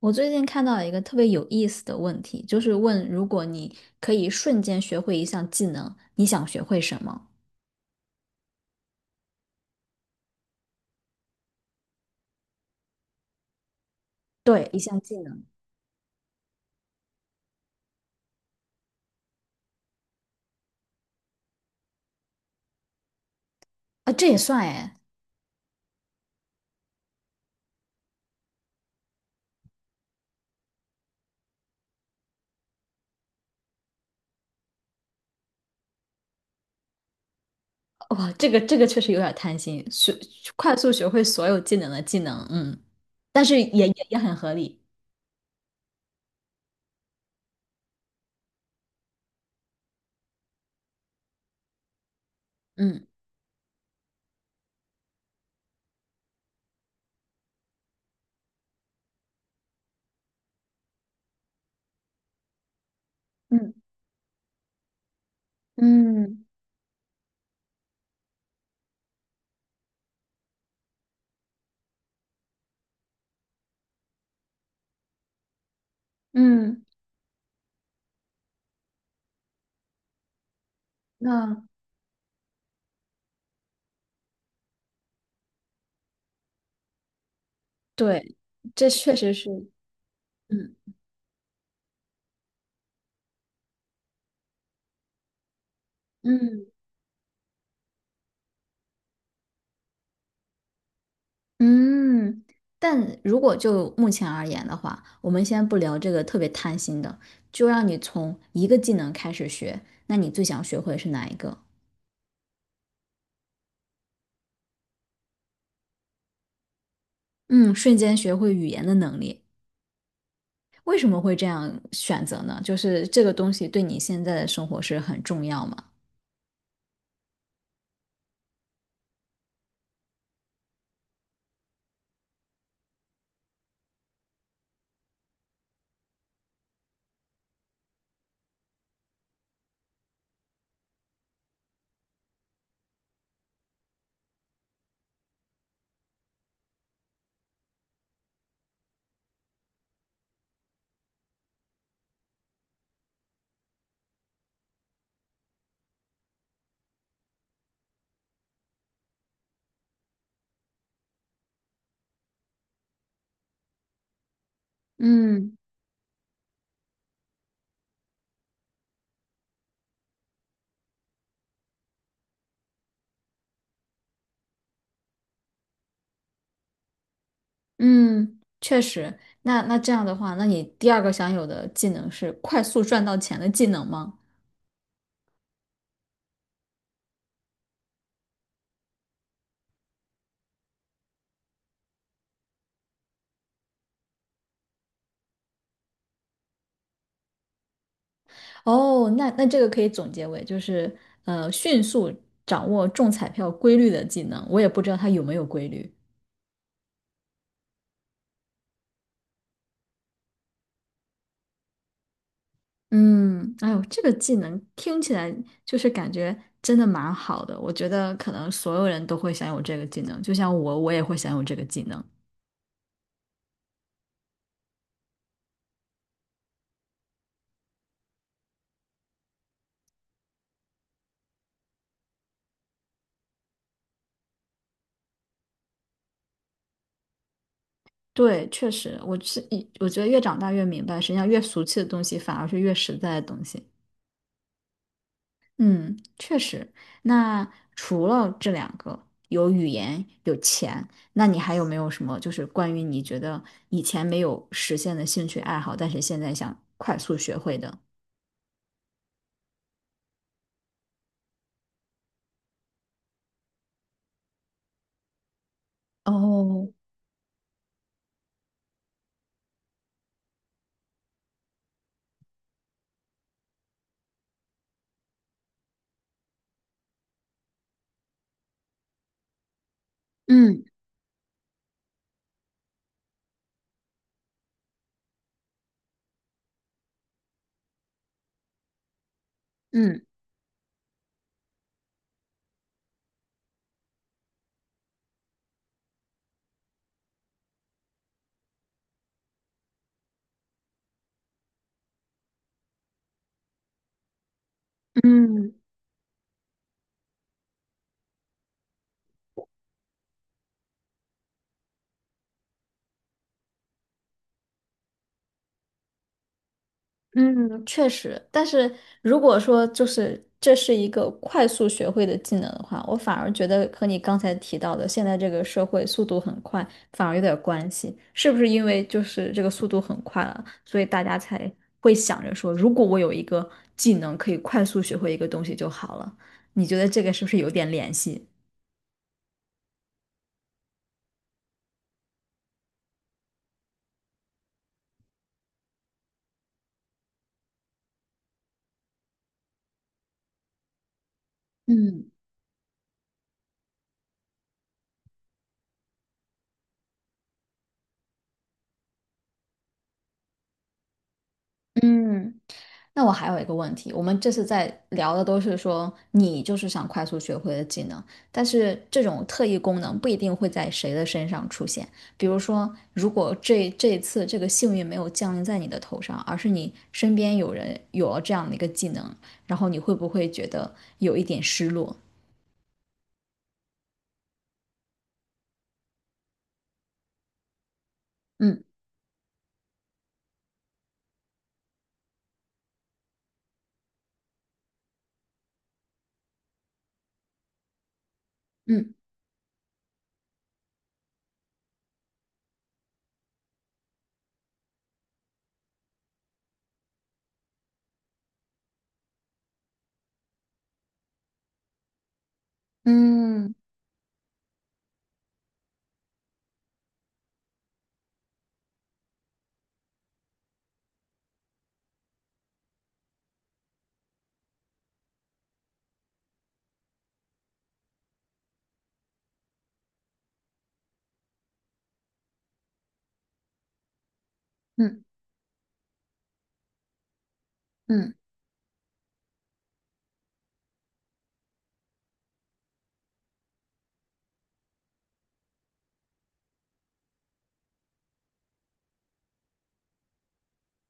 我最近看到了一个特别有意思的问题，就是问如果你可以瞬间学会一项技能，你想学会什么？对，一项技能啊，这也算哎。哇，这个确实有点贪心，学快速学会所有技能的技能。嗯，但是也很合理。嗯嗯嗯嗯，那对，这确实是。嗯。嗯。嗯，但如果就目前而言的话，我们先不聊这个特别贪心的，就让你从一个技能开始学，那你最想学会是哪一个？嗯，瞬间学会语言的能力。为什么会这样选择呢？就是这个东西对你现在的生活是很重要吗？嗯嗯，确实。那这样的话，那你第二个想有的技能是快速赚到钱的技能吗？哦，那这个可以总结为就是迅速掌握中彩票规律的技能。我也不知道它有没有规律。嗯，哎呦，这个技能听起来就是感觉真的蛮好的。我觉得可能所有人都会享有这个技能，就像我也会享有这个技能。对，确实，我是一，我觉得越长大越明白，实际上越俗气的东西反而是越实在的东西。嗯，确实。那除了这两个，有语言，有钱，那你还有没有什么就是关于你觉得以前没有实现的兴趣爱好，但是现在想快速学会的？哦，嗯嗯嗯，嗯，确实，但是如果说就是这是一个快速学会的技能的话，我反而觉得和你刚才提到的现在这个社会速度很快，反而有点关系。是不是因为就是这个速度很快了，所以大家才会想着说，如果我有一个技能可以快速学会一个东西就好了？你觉得这个是不是有点联系？嗯嗯。那我还有一个问题，我们这次在聊的都是说你就是想快速学会的技能，但是这种特异功能不一定会在谁的身上出现。比如说，如果这一次这个幸运没有降临在你的头上，而是你身边有人有了这样的一个技能，然后你会不会觉得有一点失落？嗯嗯嗯嗯嗯。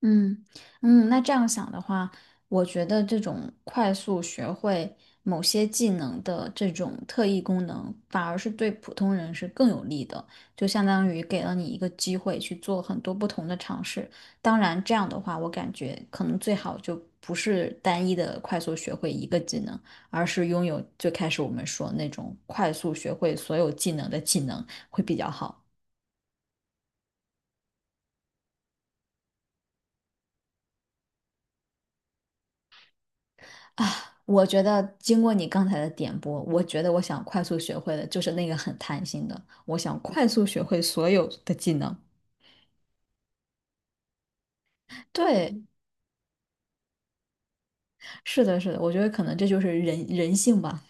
嗯嗯，那这样想的话，我觉得这种快速学会某些技能的这种特异功能，反而是对普通人是更有利的，就相当于给了你一个机会去做很多不同的尝试。当然，这样的话，我感觉可能最好就不是单一的快速学会一个技能，而是拥有最开始我们说那种快速学会所有技能的技能会比较好。我觉得经过你刚才的点拨，我觉得我想快速学会的就是那个很贪心的，我想快速学会所有的技能。对，是的，是的，我觉得可能这就是人性吧。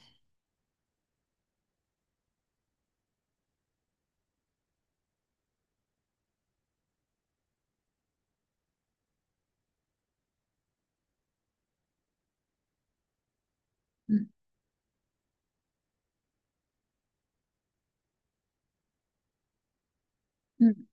嗯嗯。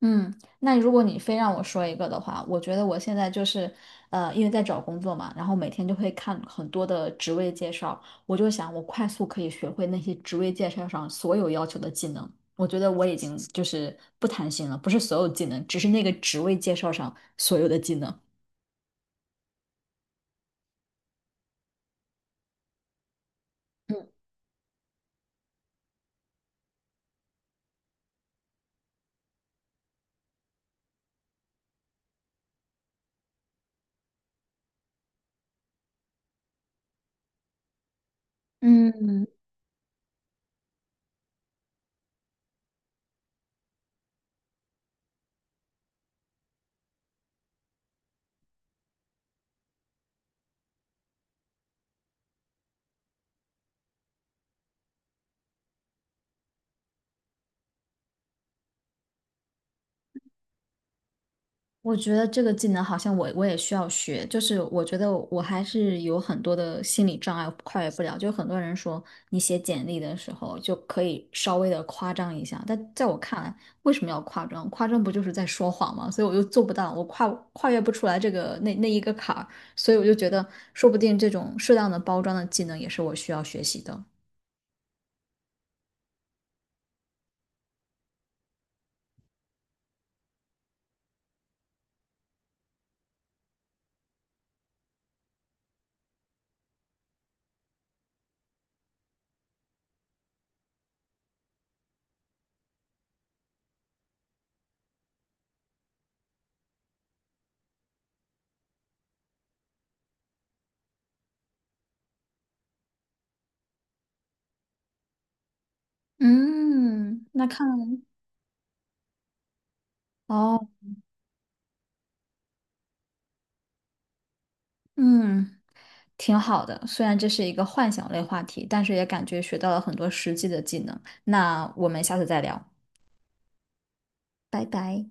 嗯，那如果你非让我说一个的话，我觉得我现在就是，因为在找工作嘛，然后每天就会看很多的职位介绍，我就想我快速可以学会那些职位介绍上所有要求的技能。我觉得我已经就是不贪心了，不是所有技能，只是那个职位介绍上所有的技能。嗯。我觉得这个技能好像我也需要学，就是我觉得我还是有很多的心理障碍，跨越不了。就很多人说你写简历的时候就可以稍微的夸张一下，但在我看来，为什么要夸张？夸张不就是在说谎吗？所以我就做不到，我跨越不出来这个那一个坎儿，所以我就觉得，说不定这种适当的包装的技能也是我需要学习的。嗯，那看来。哦。嗯。挺好的，虽然这是一个幻想类话题，但是也感觉学到了很多实际的技能。那我们下次再聊，拜拜。